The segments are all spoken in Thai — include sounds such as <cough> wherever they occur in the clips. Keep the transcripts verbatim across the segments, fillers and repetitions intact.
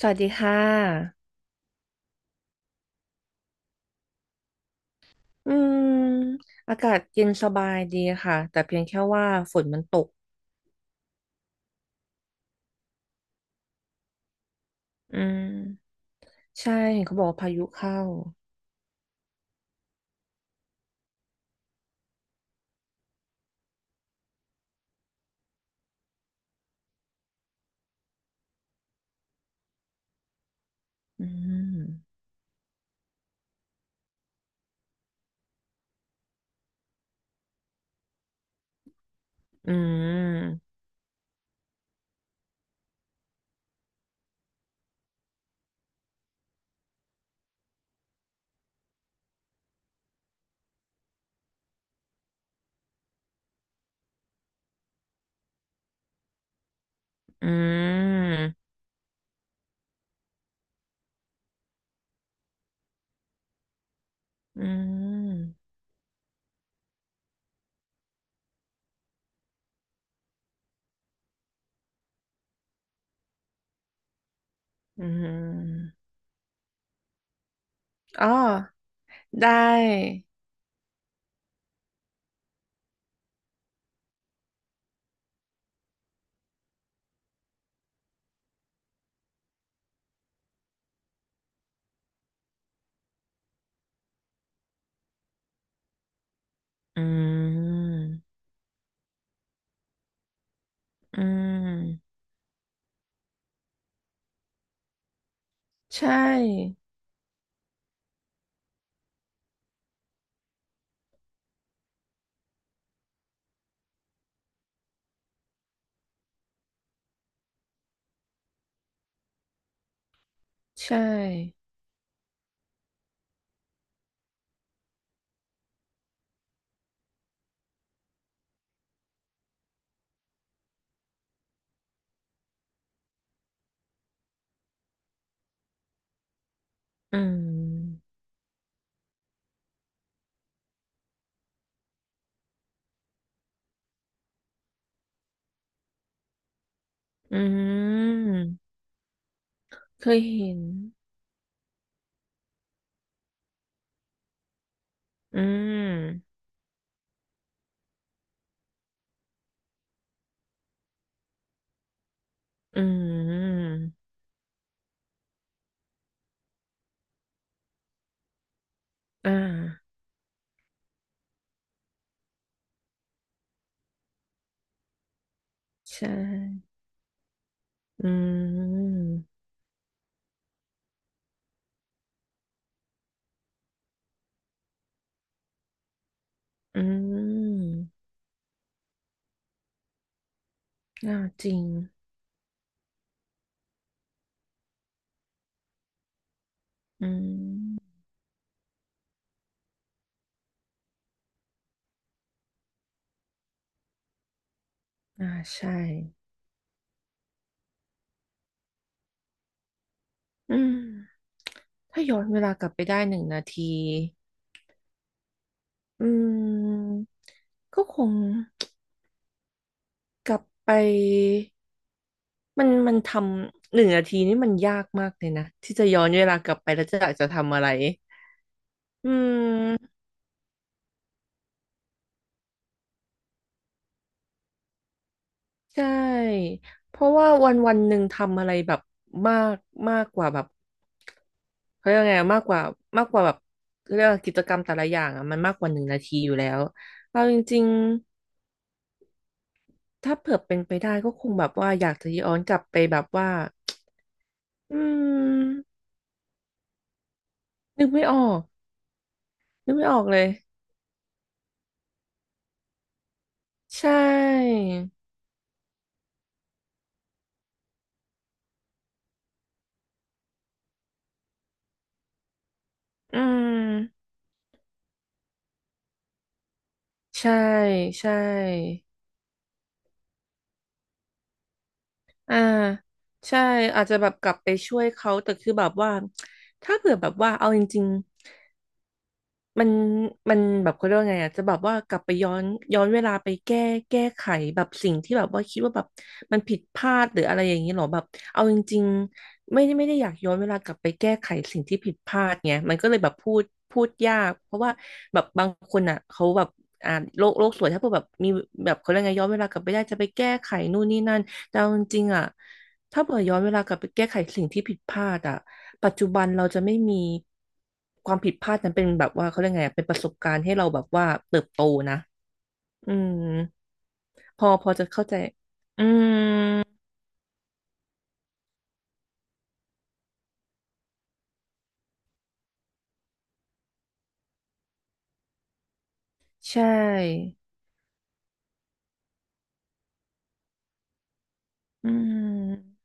สวัสดีค่ะอืมอากาศเย็นสบายดีค่ะ แต่เพียงแค่ว่าฝนมันตก อืมใช่เห็นเขาบอกว่าพายุเข้า อืม อืม อืม อืม อืมอ๋อได้ อืม อืม ใช่ ใช่ อืม อืม เคยเห็นอืม อืมอ่า ใช่ อืมอืมน่าจริง อืมอ่าใช่ อืมถ้าย้อนเวลากลับไปได้หนึ่งนาที อืม ก็คง <tsk> กลับไปมันมันทำหนึ่งนาทีนี่มันยากมากเลยนะที่จะย้อนเวลากลับไปแล้วจะอยากจะทำอะไรอืม ใช่เพราะว่าวันวันหนึ่งทำอะไรแบบมากมากกว่าแบบเขาเรียกว่าไงมากกว่ามากกว่าแบบเขาเรียกว่ากิจกรรมแต่ละอย่างอ่ะมันมากกว่าหนึ่งนาทีอยู่แล้วเอาจริงๆถ้าเผื่อเป็นไปได้ก็คงแบบว่าอยากจะย้อนกลับไปแบบว่าอืมนึกไม่ออกนึกไม่ออกเลยใช่อืมใช่ใช่ อ่าใช่อาจจะแบบกลับไปช่วยเขาแต่คือแบบว่าถ้าเผื่อแบบว่าเอาจริง มันมันแบบเขาเรียกว่าไงอ่ะจะแบบว่ากลับไปย้อนย้อนเวลาไปแก้แก้ไขแบบสิ่งที่แบบว่าคิดว่าแบบมันผิดพลาดหรืออะไรอย่างนี้หรอแบบเอาจริงๆไม่ได้ไม่ได้อยากย้อนเวลากลับไปแก้ไขสิ่งที่ผิดพลาดไงมันก็เลยแบบพูดพูดยากเพราะว่าแบบบางคนอ่ะเขาแบบอ่าโลกโลกสวยถ้าเผื่อแบบมีแบบเขาเรียกไงย้อนเวลากลับไปได้จะไปแก้ไขนู่นนี่นั่นแต่เอาจริงๆอ่ะถ้าเผื่อย้อนเวลากลับไปแก้ไขสิ่งที่ผิดพลาดอ่ะ ปัจจุบันเราจะไม่มีความผิดพลาดนั้นเป็นแบบว่าเขาเรียกไงอะเป็นประสบการณ์ให้เราแบบว่าเติบโตนะอืมพอพอจะเข้าใจอืมใช่อืม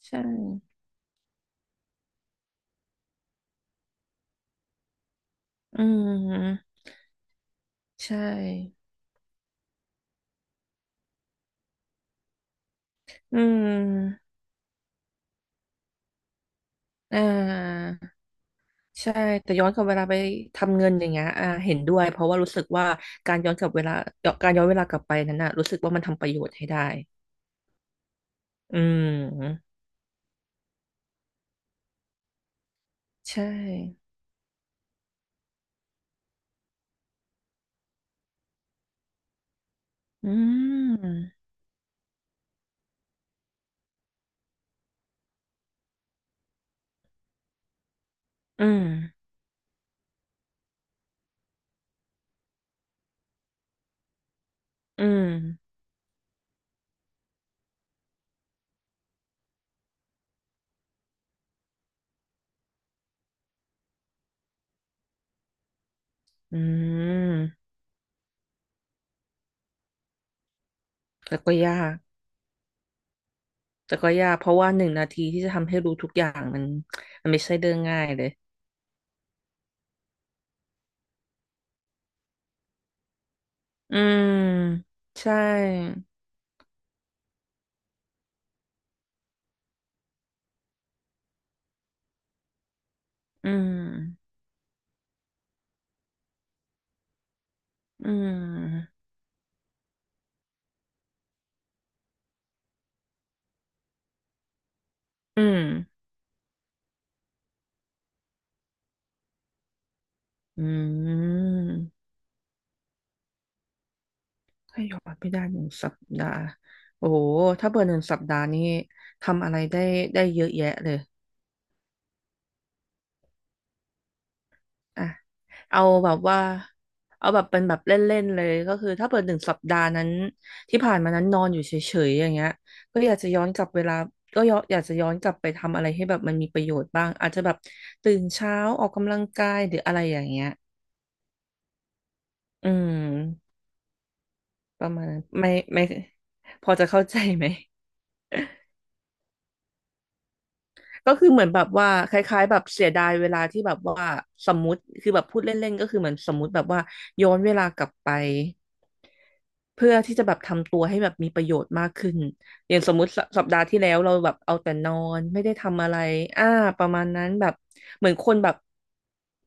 ใช่อืมใช่อืมอ่าใช่แต่ย้อนกลับเวลาไปทำเงินอย่างเงี้ยอ่าเห็นด้วยเพราะว่ารู้สึกว่าการย้อนกลับเวลาการย้อนเวลากลับไปนั้นน่ะรู้สึกว่ามันทำประโยชน์ให้ได้อืมใช่อืม อืมอืมอืมแต่ก็ยากแต่ก็ยาก เพราะว่าหนึ่งนาทีที่จะทำให้รู้ทุกอย่างมันมันไม่ใช่เรื่องง่ายเลยอืมใช่อืมอืมอืมอืมถ้าย้อนไปได้หนึ่งสัปดาห์โอ้โหถ้าเบอร์หนึ่งสัปดาห์นี้ทำอะไรได้ได้เยอะแยะเลย อ่ะเอาแบบว่าเอาแบบเป็นแบบเล่นๆเลยก็คือถ้าเปิดหนึ่งสัปดาห์นั้นที่ผ่านมานั้นนอนอยู่เฉยๆอย่างเงี้ยก็อยากจะย้อนกลับเวลาก็ย้อนอยากจะย้อนกลับไปทำอะไรให้แบบมันมีประโยชน์บ้างอาจจะแบบตื่นเช้าออกกำลังกายหรืออะไรอย่างเงี้ยอืมประมาณนั้นไม่ไม่พอจะเข้าใจไหม ก็คือเหมือนแบบว่าคล้ายๆแบบเสียดายเวลาที่แบบว่าสมมติคือแบบพูดเล่นๆก็คือเหมือนสมมติแบบว่าย้อนเวลากลับไปเพื่อที่จะแบบทำตัวให้แบบมีประโยชน์มากขึ้นอย่างสมมุติสสัปดาห์ที่แล้วเราแบบเอาแต่นอนไม่ได้ทำอะไรอ่าประมาณนั้นแบบเหมือนคนแบบ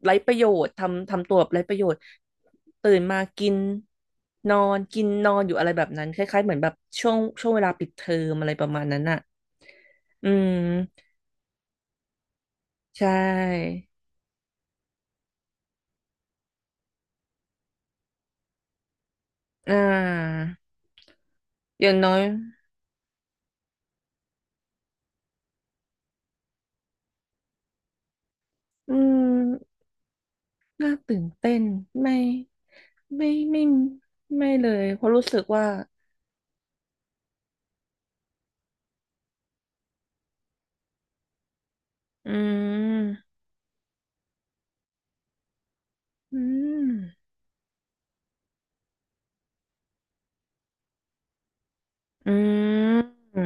ไร้ประโยชน์ทำทำตัวแบบไร้ประโยชน์ตื่นมากินนอนกินนอนอยู่อะไรแบบนั้นคล้ายๆเหมือนแบบช่วงช่วงเวลาปิดเทอมอะไรประมาณนั้นอ่ะอืมใช่ อ่าอย่างน้อยอืมน่าตื่นเต้นไม่ไม่ไม่ไม่เลยเพราะรู้สึกว่าอืมอืมอืมอื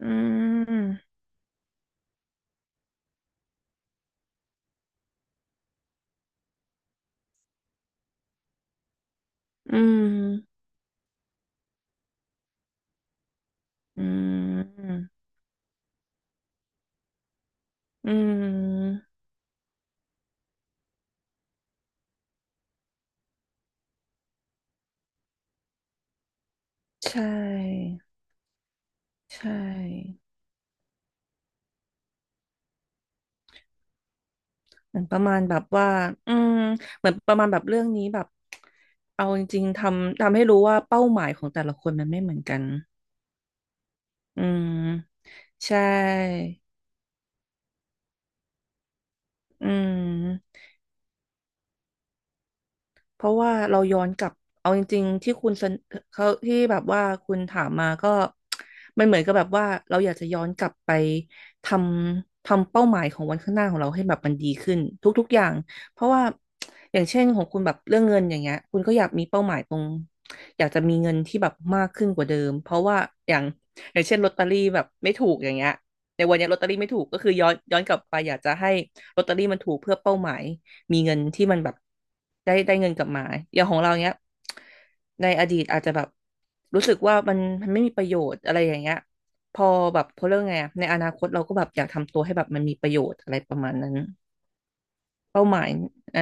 มอืมอืมอืมใช่ใช่เหมือนประมาณแบบว่าอืมเหมือนประมาณแบบเรื่องนี้แบบเอาจริงๆทำทำให้รู้ว่าเป้าหมายของแต่ละคนมันไม่เหมือนกันอืมใช่ อืมเพราะว่าเราย้อนกลับเอาจริงๆที่คุณเสนเขาที่แบบว่าคุณถามมาก็มันเหมือนกับแบบว่าเราอยากจะย้อนกลับไปทำทำเป้าหมายของวันข้างหน้าของเราให้แบบมันดีขึ้นทุกๆอย่างเพราะว่าอย่างเช่นของคุณแบบเรื่องเงินอย่างเงี้ยคุณก็อยากมีเป้าหมายตรงอยากจะมีเงินที่แบบมากขึ้นกว่าเดิมเพราะว่าอย่างอย่างเช่นลอตเตอรี่แบบไม่ถูกอย่างเงี้ยในวันเนี้ยลอตเตอรี่ไม่ถูกก็คือย้อนย้อนกลับไปอยากจะให้ลอตเตอรี่มันถูกเพื่อเป้าหมาย มีเงินที่มันแบบได้ได้เงินกลับมาอย่างของเราเนี้ยในอดีตอาจจะแบบรู้สึกว่ามันมันไม่มีประโยชน์อะไรอย่างเงี้ยพอแบบพอเรื่องไงอะในอนาคตเราก็แบบอยากทำตัวให้แบบมันมีประโยชน์อะไรประมาณนั้นเป้าหมายอ่า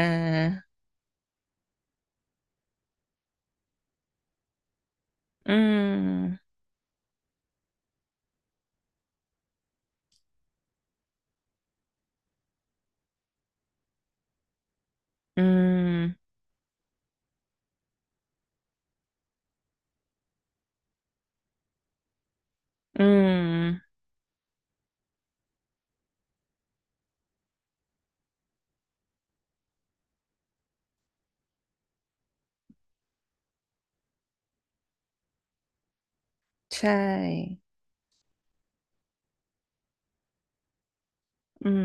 อืมอืมอืมใช่อืม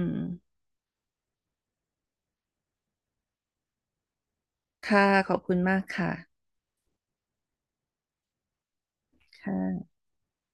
ค่ะขอบคุณมากค่ะค่ะ